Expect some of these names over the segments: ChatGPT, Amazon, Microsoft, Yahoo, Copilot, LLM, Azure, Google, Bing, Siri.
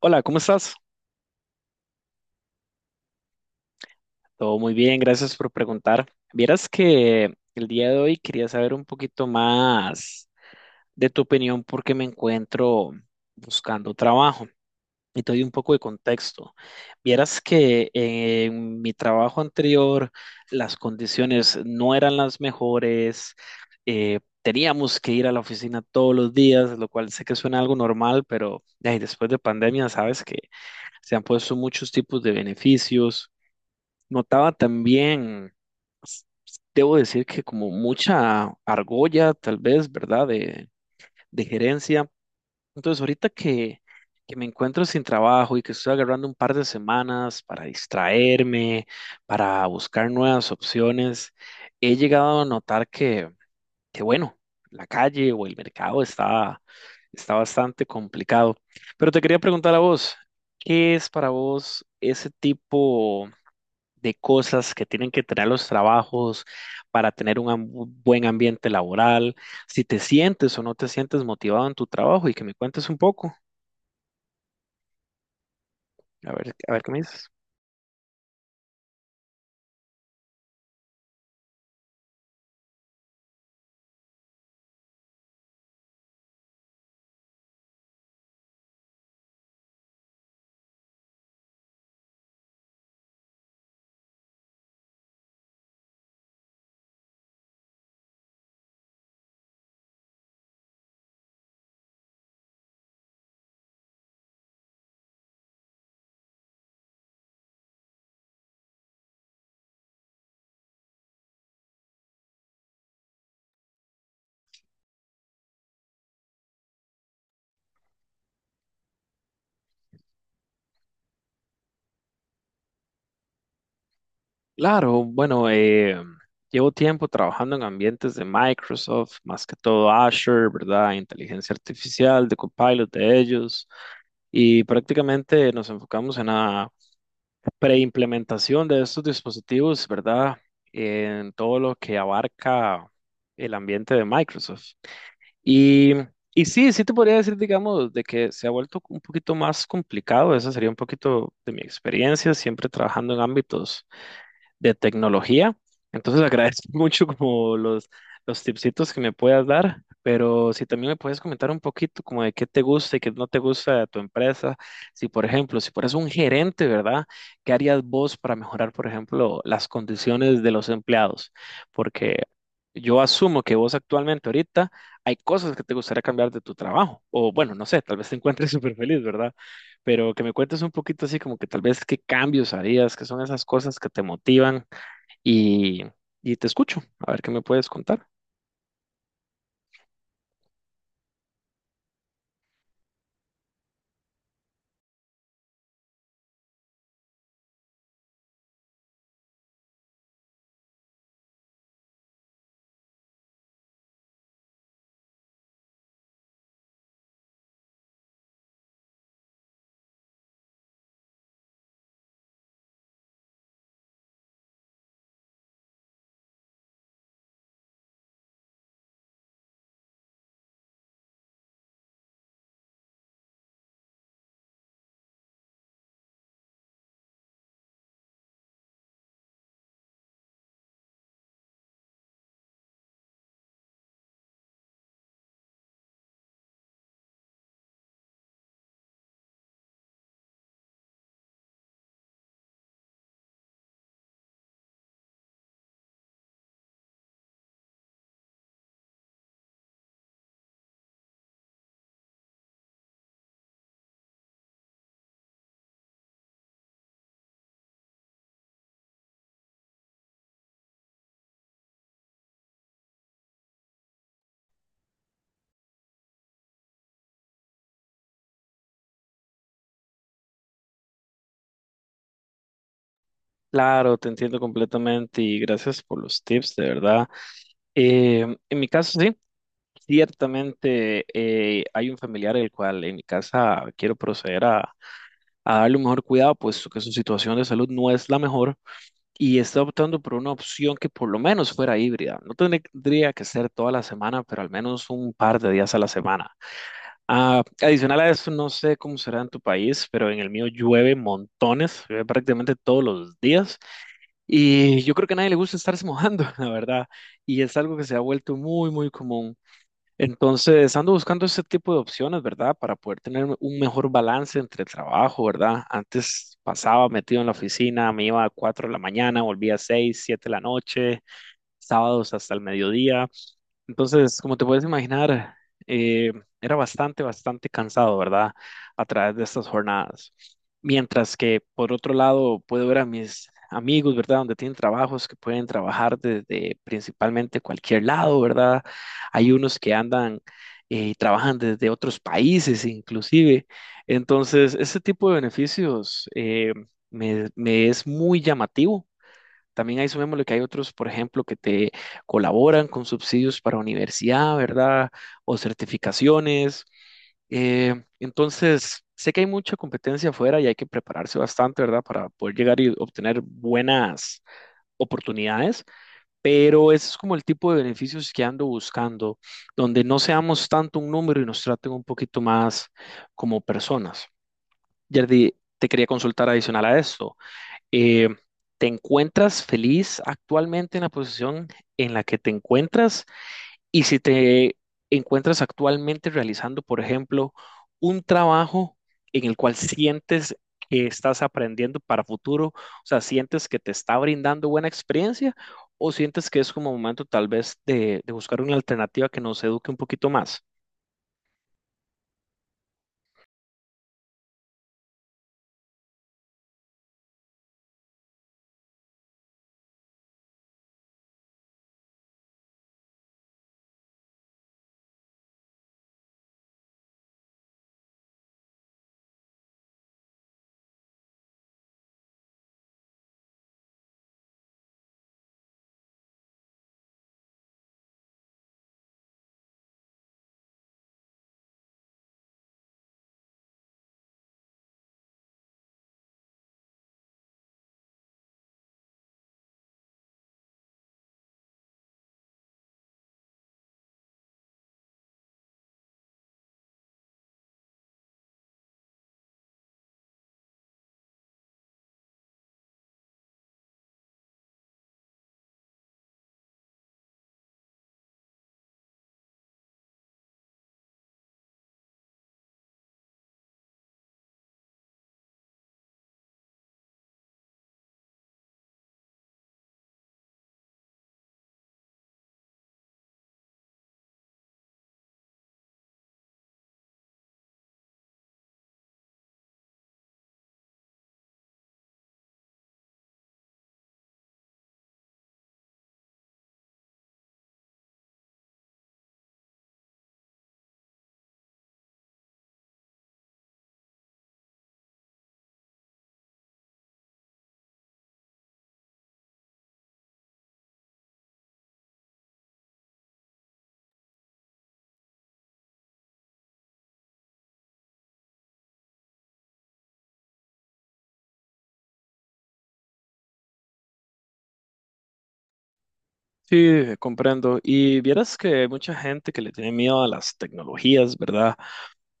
Hola, ¿cómo estás? Todo muy bien, gracias por preguntar. Vieras que el día de hoy quería saber un poquito más de tu opinión porque me encuentro buscando trabajo y te doy un poco de contexto. Vieras que en mi trabajo anterior las condiciones no eran las mejores. Teníamos que ir a la oficina todos los días, lo cual sé que suena algo normal, pero ay, después de pandemia sabes que se han puesto muchos tipos de beneficios. Notaba también, debo decir que como mucha argolla, tal vez, ¿verdad? De gerencia. Entonces, ahorita que me encuentro sin trabajo y que estoy agarrando un par de semanas para distraerme, para buscar nuevas opciones, he llegado a notar que bueno, la calle o el mercado está bastante complicado. Pero te quería preguntar a vos, ¿qué es para vos ese tipo de cosas que tienen que tener los trabajos para tener un buen ambiente laboral, si te sientes o no te sientes motivado en tu trabajo y que me cuentes un poco, a ver qué me dices? Claro, bueno, llevo tiempo trabajando en ambientes de Microsoft, más que todo Azure, ¿verdad? Inteligencia artificial, de Copilot de ellos, y prácticamente nos enfocamos en preimplementación de estos dispositivos, ¿verdad? En todo lo que abarca el ambiente de Microsoft. Y, y sí, sí te podría decir, digamos, de que se ha vuelto un poquito más complicado. Esa sería un poquito de mi experiencia, siempre trabajando en ámbitos de tecnología. Entonces agradezco mucho como los tipsitos que me puedas dar, pero si también me puedes comentar un poquito como de qué te gusta y qué no te gusta de tu empresa. Si, por ejemplo, si fueras un gerente, ¿verdad? ¿Qué harías vos para mejorar, por ejemplo, las condiciones de los empleados? Porque yo asumo que vos actualmente ahorita hay cosas que te gustaría cambiar de tu trabajo. O bueno, no sé, tal vez te encuentres súper feliz, ¿verdad? Pero que me cuentes un poquito así como que tal vez qué cambios harías, qué son esas cosas que te motivan y, y te escucho, a ver qué me puedes contar. Claro, te entiendo completamente y gracias por los tips, de verdad. Eh, en mi caso, sí, ciertamente hay un familiar el cual en mi casa quiero proceder a darle un mejor cuidado, puesto que su situación de salud no es la mejor y está optando por una opción que por lo menos fuera híbrida. No tendría que ser toda la semana, pero al menos un par de días a la semana. Ah, adicional a eso, no sé cómo será en tu país, pero en el mío llueve montones, llueve prácticamente todos los días. Y yo creo que a nadie le gusta estarse mojando, la verdad. Y es algo que se ha vuelto muy, muy común. Entonces, ando buscando ese tipo de opciones, ¿verdad? Para poder tener un mejor balance entre el trabajo, ¿verdad? Antes pasaba metido en la oficina, me iba a 4 de la mañana, volvía a 6, 7 de la noche, sábados hasta el mediodía. Entonces, como te puedes imaginar, eh, era bastante, bastante cansado, ¿verdad? A través de estas jornadas. Mientras que, por otro lado, puedo ver a mis amigos, ¿verdad? Donde tienen trabajos que pueden trabajar desde principalmente cualquier lado, ¿verdad? Hay unos que andan y trabajan desde otros países inclusive. Entonces, ese tipo de beneficios me es muy llamativo. También ahí sumémosle que hay otros, por ejemplo, que te colaboran con subsidios para universidad, ¿verdad? O certificaciones. Entonces, sé que hay mucha competencia afuera y hay que prepararse bastante, ¿verdad? Para poder llegar y obtener buenas oportunidades, pero ese es como el tipo de beneficios que ando buscando, donde no seamos tanto un número y nos traten un poquito más como personas. Yerdy, te quería consultar adicional a esto. Eh, ¿Te encuentras feliz actualmente en la posición en la que te encuentras? Y si te encuentras actualmente realizando, por ejemplo, un trabajo en el cual sientes que estás aprendiendo para futuro, o sea, sientes que te está brindando buena experiencia o sientes que es como momento tal vez de buscar una alternativa que nos eduque un poquito más. Sí, comprendo. Y vieras que hay mucha gente que le tiene miedo a las tecnologías, ¿verdad?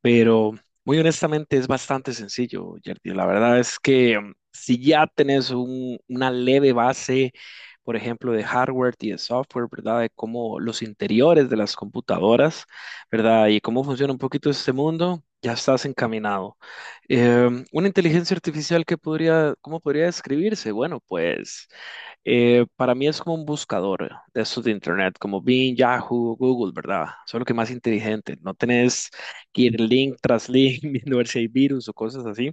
Pero muy honestamente es bastante sencillo, Yerdy. La verdad es que si ya tenés una leve base, por ejemplo, de hardware y de software, ¿verdad? De cómo los interiores de las computadoras, ¿verdad? Y cómo funciona un poquito este mundo, ya estás encaminado. Una inteligencia artificial que podría, ¿cómo podría describirse? Bueno, pues para mí es como un buscador de estos de internet, como Bing, Yahoo, Google, ¿verdad? Solo que más inteligente. No tenés ir link tras link, viendo ver si hay virus o cosas así.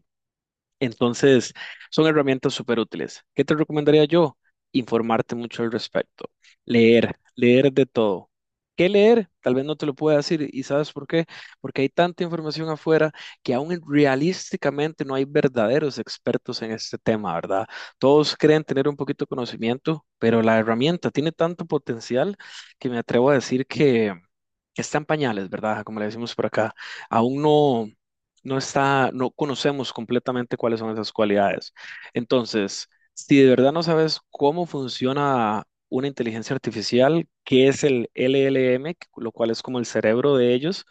Entonces, son herramientas súper útiles. ¿Qué te recomendaría yo? Informarte mucho al respecto. Leer, leer de todo. ¿Qué leer? Tal vez no te lo pueda decir. ¿Y sabes por qué? Porque hay tanta información afuera que aún realísticamente no hay verdaderos expertos en este tema, ¿verdad? Todos creen tener un poquito de conocimiento, pero la herramienta tiene tanto potencial que me atrevo a decir que está en pañales, ¿verdad? Como le decimos por acá, aún no, no está, no conocemos completamente cuáles son esas cualidades. Entonces, si de verdad no sabes cómo funciona una inteligencia artificial, qué es el LLM, lo cual es como el cerebro de ellos,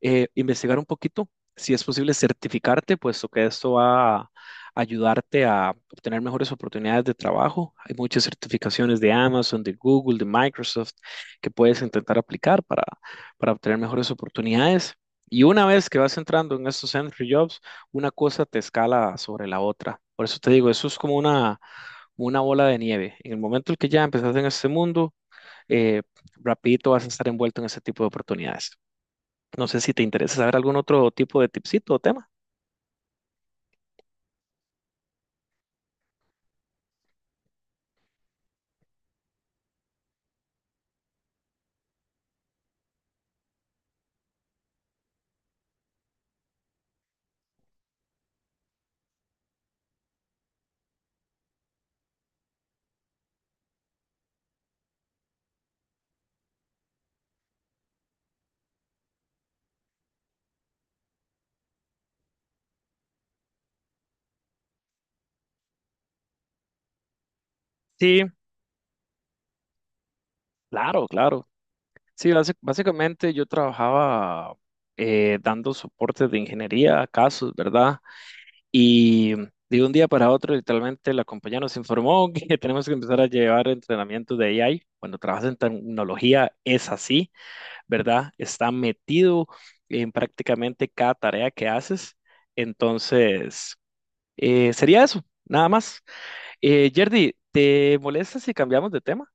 investigar un poquito, si es posible certificarte, puesto que esto va a ayudarte a obtener mejores oportunidades de trabajo. Hay muchas certificaciones de Amazon, de Google, de Microsoft que puedes intentar aplicar para obtener mejores oportunidades. Y una vez que vas entrando en estos entry jobs, una cosa te escala sobre la otra. Por eso te digo, eso es como una bola de nieve. En el momento en que ya empezaste en este mundo, eh, rapidito vas a estar envuelto en ese tipo de oportunidades. No sé si te interesa saber algún otro tipo de tipsito o tema. Sí, claro, claro. Sí, básicamente yo trabajaba dando soporte de ingeniería a casos, ¿verdad? Y de un día para otro, literalmente, la compañía nos informó que tenemos que empezar a llevar entrenamiento de AI. Cuando trabajas en tecnología es así, ¿verdad? Está metido en prácticamente cada tarea que haces. Entonces, sería eso, nada más. Yerdy, ¿te molesta si cambiamos de tema?